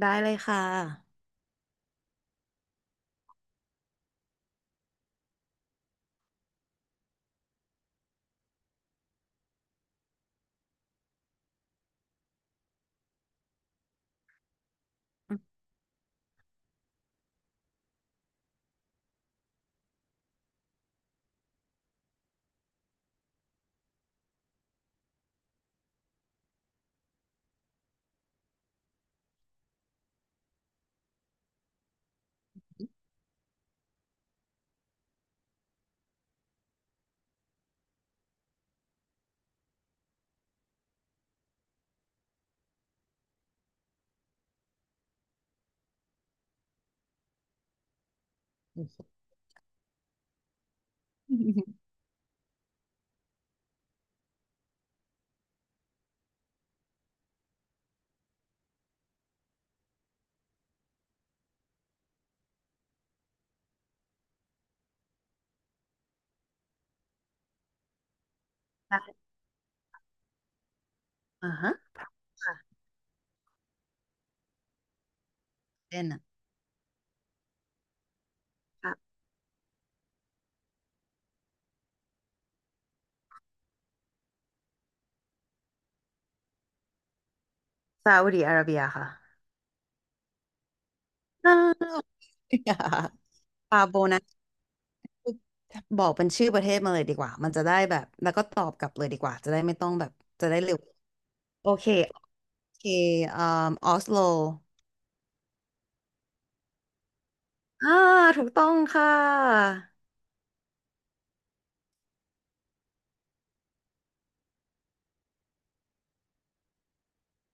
ได้เลยค่ะอ่าฮะค่ะเล่นอ่ะอ่ะซาอุดิอาระเบียค่ะอ่าอย่า ปาโบนะ บอกเป็นชื่อประเทศมาเลยดีกว่า มันจะได้แบบ แล้วก็ตอบกลับเลยดีกว่า จะได้ไม่ต้องแบบ จะได้เร็วโอเคโอเคเอ่มออสโลอ่าถูกต้องค่ะ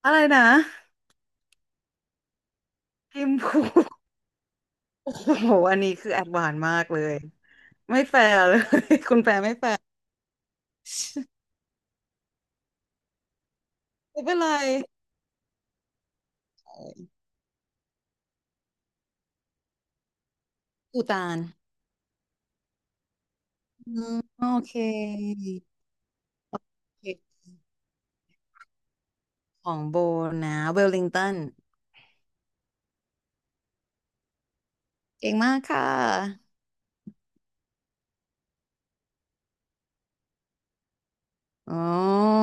อะไรนะทิมพู โอ้โหอันนี้คือแอดวานซ์มากเลย ไม่แฟร์เลย คุณแฟร์ไม่แฟร์ไม่เป็นไรปูตาน อืมโอเคเขตของโบนะเวลลิงตันเก่งมากค่ะอ๋อ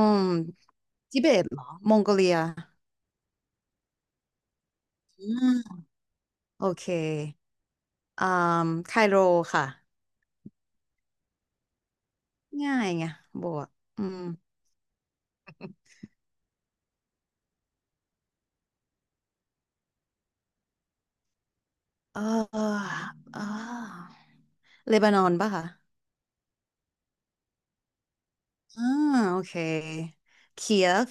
ทิเบตเหรอมองโกเลียอ่าโอเคอ่าไคโรค่ะง่ายไงโบอะอืมเออเออเลบานอนป่ะคะอ่าโอเคเคียฟ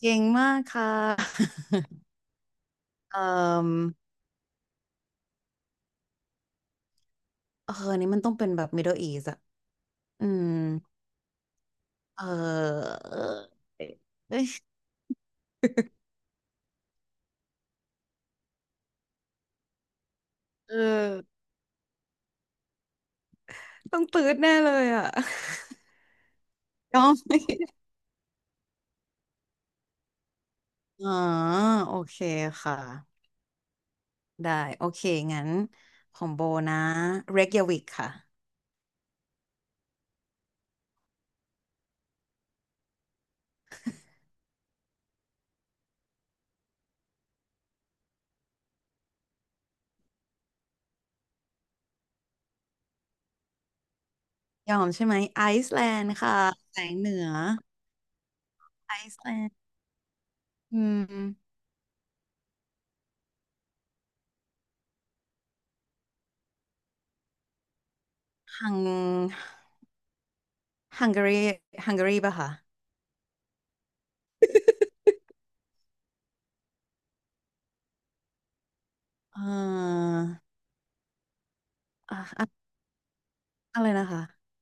เก่งมากค่ะเอ่อเอออันนี้มันต้องเป็นแบบ Middle East อะอืมเออ เออต้องตืดแน่เลยอ่ะ ยอมไหม่อ๋อโอเคค่ะได้โอเคงั้นของโบนะเรกยาวิกค่ะยอมใช่ไหมไอซ์แลนด์ค่ะแสงเหนือไอซ์แลนด์อืมฮังฮังการีฮังการีป่ะคะเอ่ออะอะอะไรนะคะ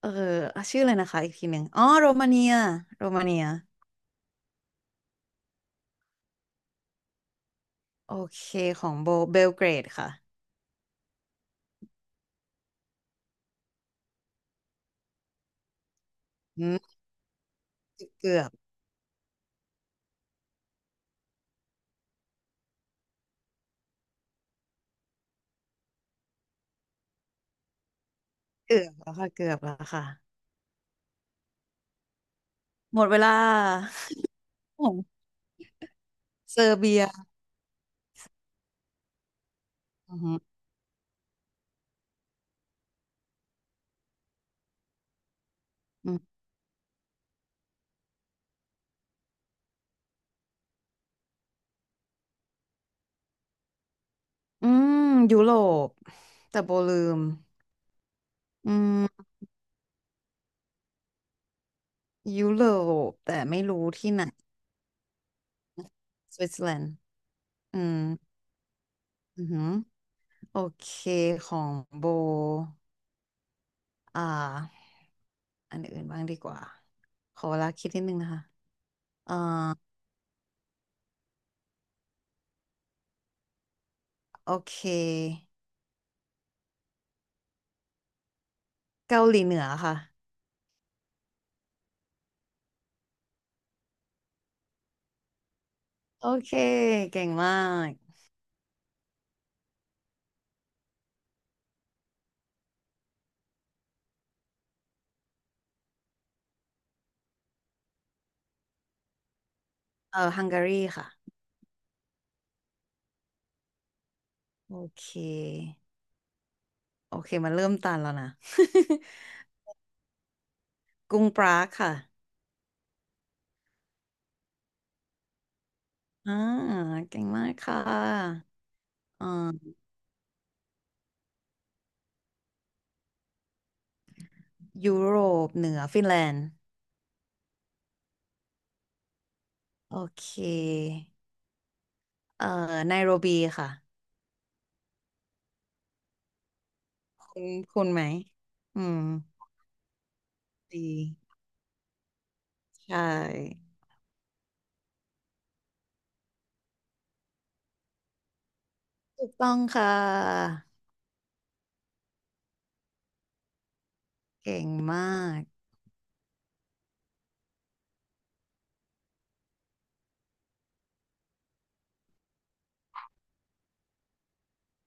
เอออ่ะชื่ออะไรนะคะอีกทีหนึ่งอ๋อโรมาเนียโรมาเนียโอเคของโบเบลเกรดค่ะอืมเกือบ เกือบแล้วค่ะเกือบแล้วค่ะหมดเวลาของเซอร์เบียอือหืออืมอืมยุโรปแต่โบลืมอืมยุโรปแต่ไม่รู้ที่ไหนสวิตเซอร์แลนด์อืมอือหือโอเคของโบอ่าอันอื่นบ้างดีกว่าขอเวลาคิดนิดนึงนะคะอ่าโอเคเกาหลีเหนือค่ะโอเคเก่งมากเออฮังการีค่ะโอเค โอเคมันเริ่มตันแล้วนะ กรุงปรากค่ะอ่าเก่งมากค่ะอ่ายุโรปเหนือฟินแลนด์โอเคเอ่อไนโรบีค่ะคุณคุณไหมอืมดีใช่ถูกต้องค่ะเก่งมาก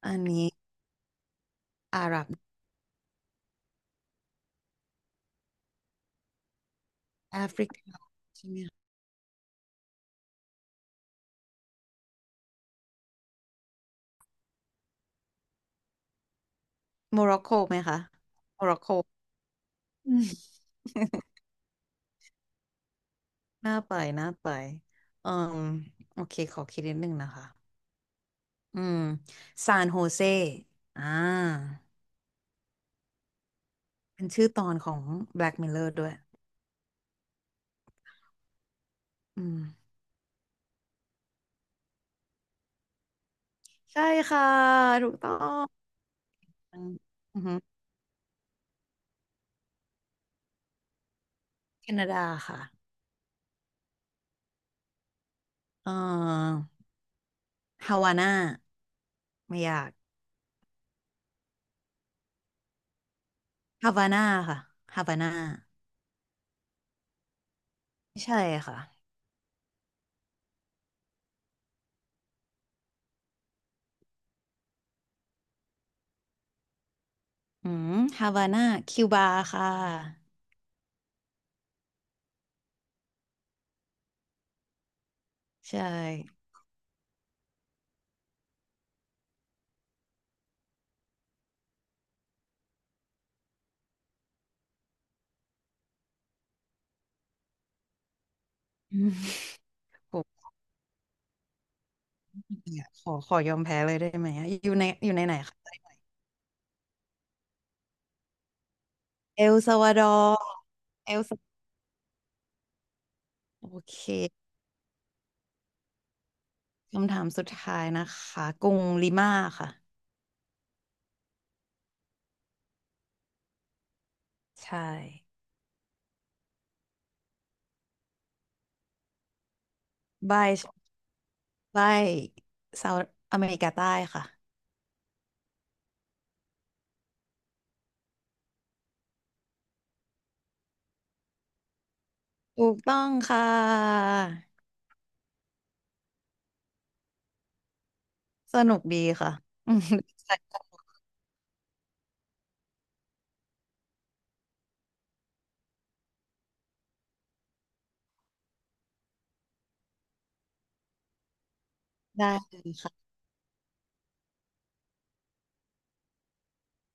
อันนี้อาหรับแอฟริกาใช่ไหมคะโมร็อกโกไหมคะโมร็อกโก อืมน่าไปน่าไปอืมโอเคขอคิดนิดนึงนะคะ อืมซานโฮเซอ่าเป็นชื่อตอนของ Black Mirror ด้วยอืมใช่ค่ะถูกต้องอือฮึแคนาดาค่ะเอ่อฮาวาน่าไม่ยากฮาวาน่าค่ะฮาวาน่าใช่ค่ะอืมฮาวาน่าคิวบาค่ะใช่ อืมผมเนี่ยขอยอมแพ้เลยได้ไหมอะอยู่ในไหนคะเอลซัลวาดอร์เอลซัโอเค คำถามสุดท้ายนะคะกรุงลิมาค่ะใช่บายบายเซาท์อเมริกาใต้ค่ะถูกต้องค่ะสนุกดีค่ะ อืมได้ค่ะ